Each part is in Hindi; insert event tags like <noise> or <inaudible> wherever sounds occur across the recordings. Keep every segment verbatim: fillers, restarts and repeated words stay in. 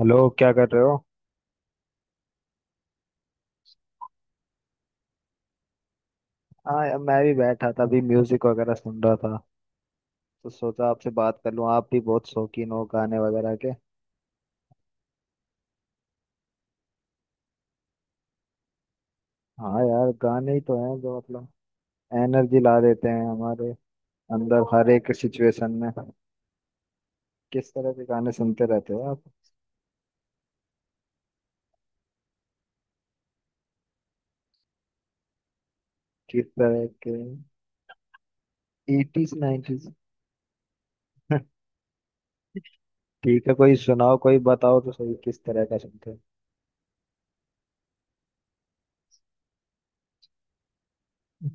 हेलो, क्या कर रहे हो? हाँ यार, मैं भी बैठा था अभी म्यूजिक वगैरह सुन रहा था तो सोचा आपसे बात कर लूँ। आप भी बहुत शौकीन हो गाने वगैरह के। हाँ यार, गाने ही तो हैं जो मतलब एनर्जी ला देते हैं हमारे अंदर हर एक सिचुएशन में। किस तरह के गाने सुनते रहते हो आप? किस तरह के? Eighties nineties? <laughs> ठीक है, कोई सुनाओ कोई बताओ तो सही किस तरह का सुनते हो।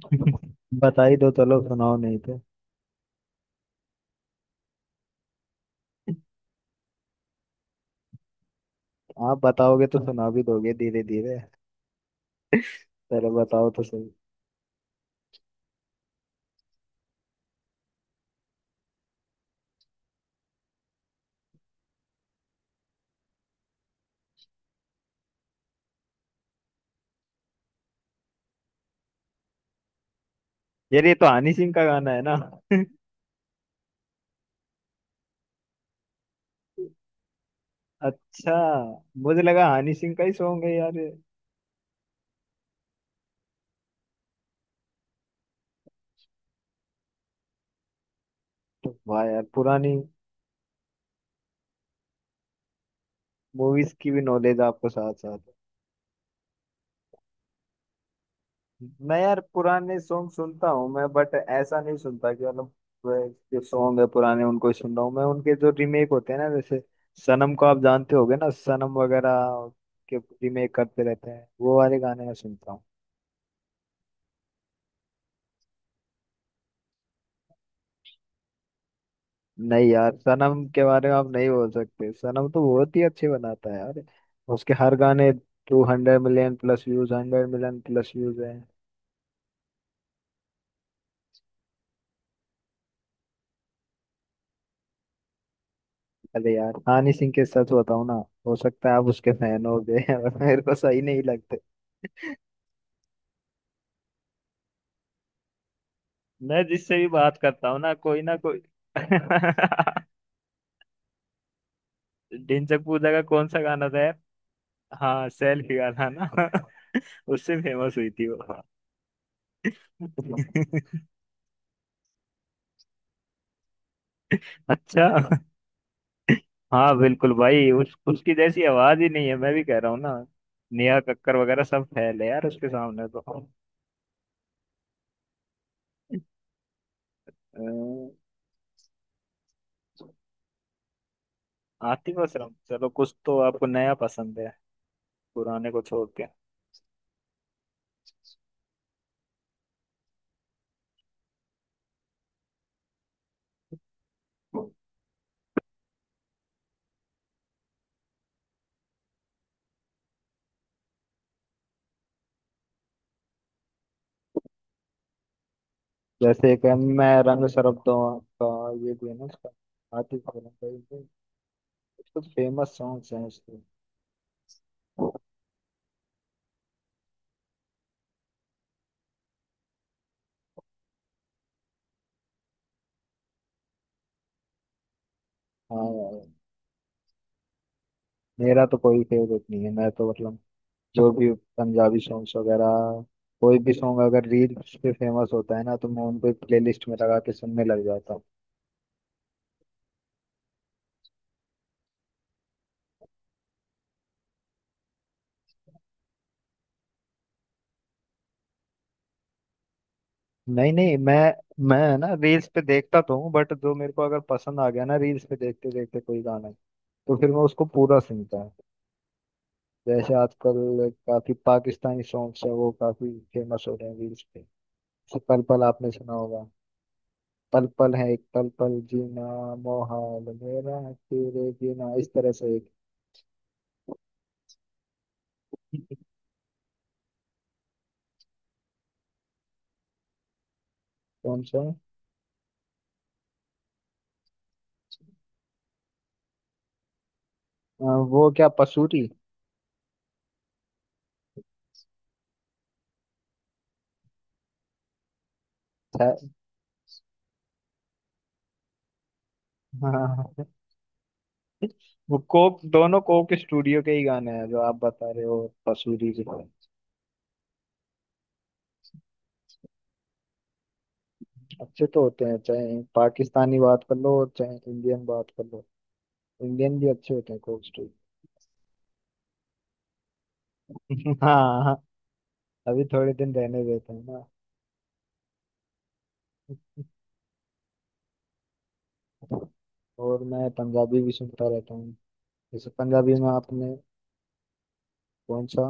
<laughs> बता ही दो, चलो सुनाओ नहीं तो। आप बताओगे तो सुना भी दोगे धीरे धीरे। चलो बताओ तो सही। यार ये तो हनी सिंह का गाना है ना? <laughs> अच्छा। मुझे लगा हनी सिंह का ही सॉन्ग है यार ये। तो वाह यार, पुरानी मूवीज की भी नॉलेज आपको साथ साथ है। मैं यार पुराने सॉन्ग सुनता हूँ मैं, बट ऐसा नहीं सुनता कि मतलब वह जो सॉन्ग है पुराने उनको ही सुन रहा हूँ मैं, उनके जो रीमेक होते हैं ना, जैसे सनम को आप जानते होगे ना, सनम वगैरह के रीमेक करते रहते हैं, वो वाले गाने मैं सुनता हूँ। नहीं यार, सनम के बारे में आप नहीं बोल सकते, सनम तो बहुत ही अच्छे बनाता है यार उसके हर गाने। Two hundred million plus views, hundred million plus views है। अरे यार हनी सिंह के सच बताऊं ना, हो सकता है आप उसके फैन हो गए हैं, और मेरे को सही नहीं लगते। मैं जिससे भी बात करता हूँ ना कोई ना कोई। <laughs> ढिंचक पूजा का कौन सा गाना था यार? हाँ, सेल्फी गाना ना। <laughs> उससे फेमस हुई थी वो। <laughs> अच्छा। हाँ बिल्कुल भाई, उस उसकी जैसी आवाज ही नहीं है, मैं भी कह रहा हूँ ना। नेहा कक्कर वगैरह सब फैल है यार उसके सामने तो। अ, आतिफ असलम, चलो कुछ तो आपको नया पसंद है, पुराने को छोड़ के। जैसे एक है, मैं रंग सरबतों का, ये भी है ना उसका? आतिफ असलम का ये भी- कुछ फेमस सॉन्ग्स हैं उसके। हाँ यार, मेरा तो कोई फेवरेट नहीं है, मैं तो मतलब जो भी पंजाबी सॉन्ग्स वगैरह, कोई भी सॉन्ग अगर रील्स पे फेमस होता है ना तो मैं उनको प्लेलिस्ट में लगा के सुनने लग जाता हूँ। नहीं नहीं, मैं मैं है ना रील्स पे देखता तो हूँ, बट जो मेरे को अगर पसंद आ गया ना रील्स पे देखते देखते कोई गाना, तो फिर मैं उसको पूरा सुनता हूँ। जैसे आजकल काफी पाकिस्तानी सॉन्ग्स है, वो काफी फेमस हो रहे हैं रील्स पे। जैसे पल पल आपने सुना होगा? पल पल है एक, पल पल जीना मोहाल मेरा तेरे बिना, इस तरह से एक। <laughs> कौन सा? अ, वो क्या, पसूरी? हाँ वो कोक, दोनों कोक स्टूडियो के ही गाने हैं जो आप बता रहे हो, पसूरी के। अच्छे तो होते हैं, चाहे पाकिस्तानी बात कर लो चाहे इंडियन बात कर लो, इंडियन भी अच्छे होते हैं कोक स्टूडियो। <laughs> हाँ हाँ, अभी थोड़े दिन रहने देते हैं ना। और मैं पंजाबी भी सुनता रहता हूँ। जैसे पंजाबी में आपने, कौन सा?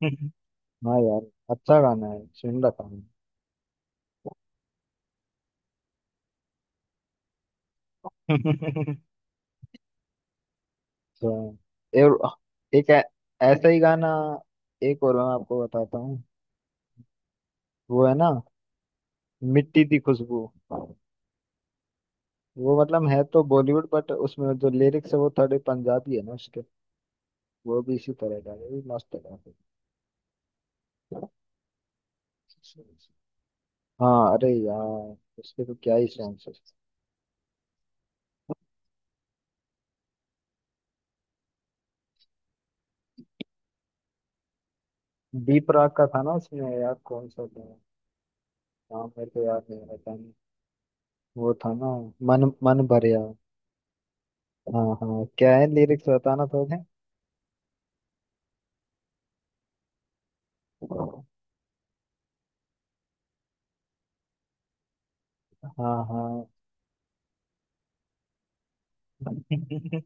<laughs> हाँ यार, अच्छा गाना है, सुन रखा हूँ। <laughs> तो और एक ऐ- ऐसा ही गाना, एक और मैं आपको बताता हूँ। वो है ना, मिट्टी दी खुशबू, वो मतलब है तो बॉलीवुड बट उसमें जो लिरिक्स है वो थोड़े पंजाबी है ना उसके। वो भी इसी तरह का है, वो भी मस्त है काफी। हाँ अरे यार, उसके तो क्या ही सॉन्ग्स है। दीप राग का था ना उसमें यार, कौन सा था? नाम मेरे को याद नहीं रहता। नहीं, वो था ना, मन मन भरिया। हाँ हाँ, क्या है लिरिक्स, बताना थोड़े। हाँ हाँ। <laughs> हाँ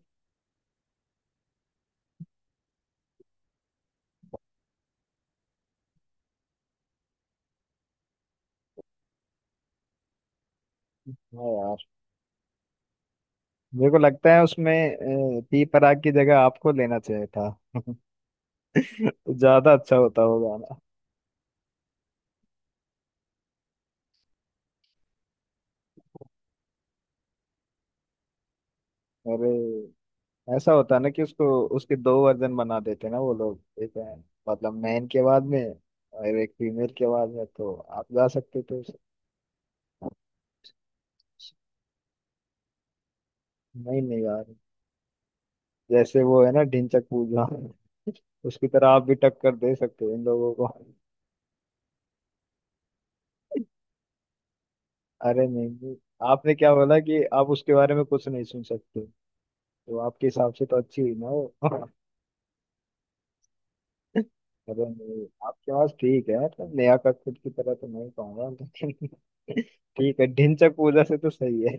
यार, मेरे को लगता है उसमें, अ, दीप राग की जगह आपको लेना चाहिए था। <laughs> ज्यादा अच्छा होता वो गाना। अरे, ऐसा होता ना कि उसको, उसके दो वर्जन बना देते ना वो लोग, एक है, मतलब मैन की आवाज में, और एक फीमेल की आवाज में, तो आप गा सकते थे उसे। नहीं नहीं गा रहे, जैसे वो है ना ढिंचक पूजा, उसकी तरह आप भी टक्कर दे सकते हो इन लोगों को। अरे नहीं नहीं, आपने क्या बोला कि आप उसके बारे में कुछ नहीं सुन सकते, तो आपके हिसाब से तो अच्छी हुई ना वो। मतलब नहीं, आपकी आवाज ठीक है, मतलब नेहा कक्कड़ की तरह तो नहीं कहूंगा लेकिन ठीक है, ढिंचक पूजा से तो सही है।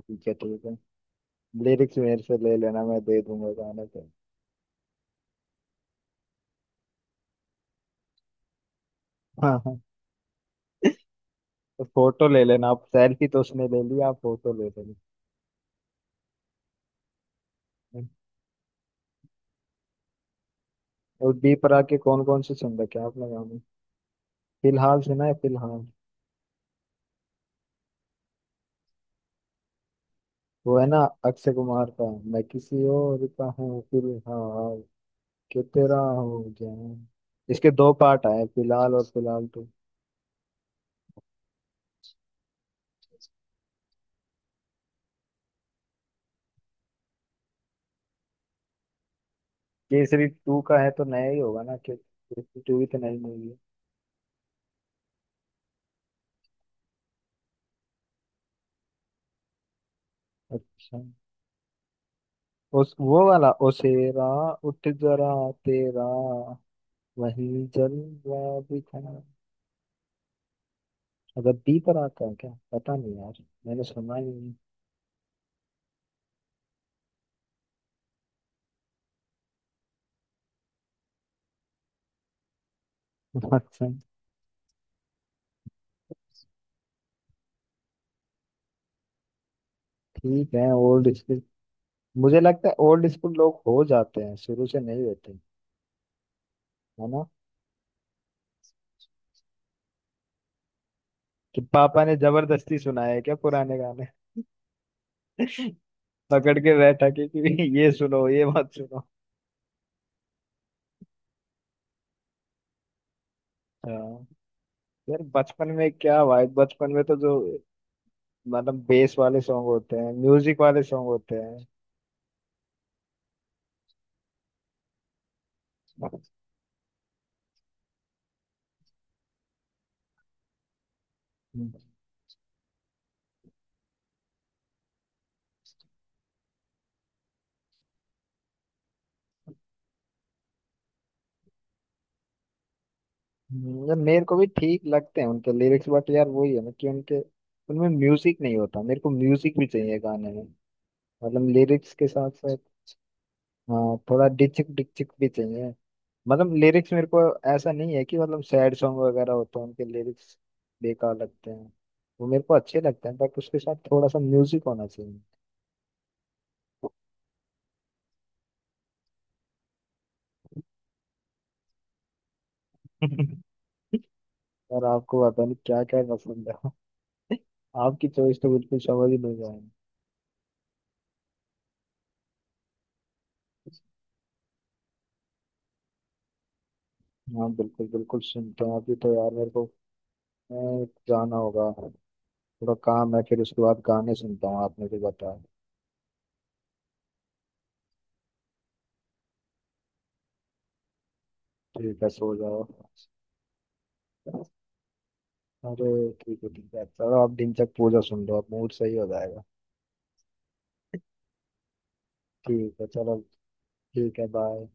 ठीक है ठीक है, लिरिक्स मेरे से ले लेना, मैं दे दूंगा गाने पे। हाँ हाँ, तो फोटो ले लेना आप, सेल्फी तो उसने ले ली, आप फोटो ले लेना। और डी प्राक के कौन कौन से सुन रखे हैं आपने गाने? फिलहाल सुना है फिलहाल? वो है ना, अक्षय कुमार का, मैं किसी और का हूँ फिलहाल, कि तेरा हूँ जान। इसके दो पार्ट आए, फिलहाल और फिलहाल। केसरी टू का है तो नया ही होगा ना, के- केसरी टू भी तो नई मूवी है। अच्छा। उस वो वाला ओसेरा, उठ जरा तेरा वही जलवा दिखा। अच्छा, बी पर आता है क्या, पता नहीं यार, मैंने सुना ही नहीं। अच्छा। ठीक है, ओल्ड स्कूल, मुझे लगता है ओल्ड स्कूल लोग हो जाते हैं, शुरू से नहीं होते, है ना? कि पापा ने जबरदस्ती सुनाया है क्या पुराने गाने? <laughs> पकड़ के बैठा के कि ये सुनो ये मत सुनो। हाँ यार, बचपन में क्या भाई, बचपन में तो जो मतलब बेस वाले सॉन्ग होते हैं, म्यूजिक वाले सॉन्ग होते हैं। हम्म, यार मेरे को भी ठीक लगते हैं उनके लिरिक्स, बट यार वही है ना कि उनके उनमें म्यूजिक नहीं होता, मेरे को म्यूजिक भी चाहिए गाने में, मतलब लिरिक्स के साथ साथ। हाँ थोड़ा डिचिक डिचिक भी चाहिए, मतलब लिरिक्स मेरे को, ऐसा नहीं है कि मतलब सैड सॉन्ग वगैरह होते हैं उनके लिरिक्स बेकार लगते हैं, वो मेरे को अच्छे लगते हैं बट उसके साथ थोड़ा सा म्यूजिक होना चाहिए। <laughs> और आपको पता नहीं क्या क्या पसंद है। <laughs> आपकी चॉइस तो बिल्कुल समझ ही नहीं जाएगी। हाँ बिल्कुल बिल्कुल, सुनते हैं अभी तो, यार मेरे को अ, जाना होगा, थोड़ा काम है, फिर उसके बाद गाने सुनता हूँ आपने भी बताया। ठीक है, सो जाओ। अरे ठीक है ठीक है, चलो आप दिन तक पूजा सुन लो, आप मूड सही हो जाएगा। ठीक है, चलो। ठीक है, बाय।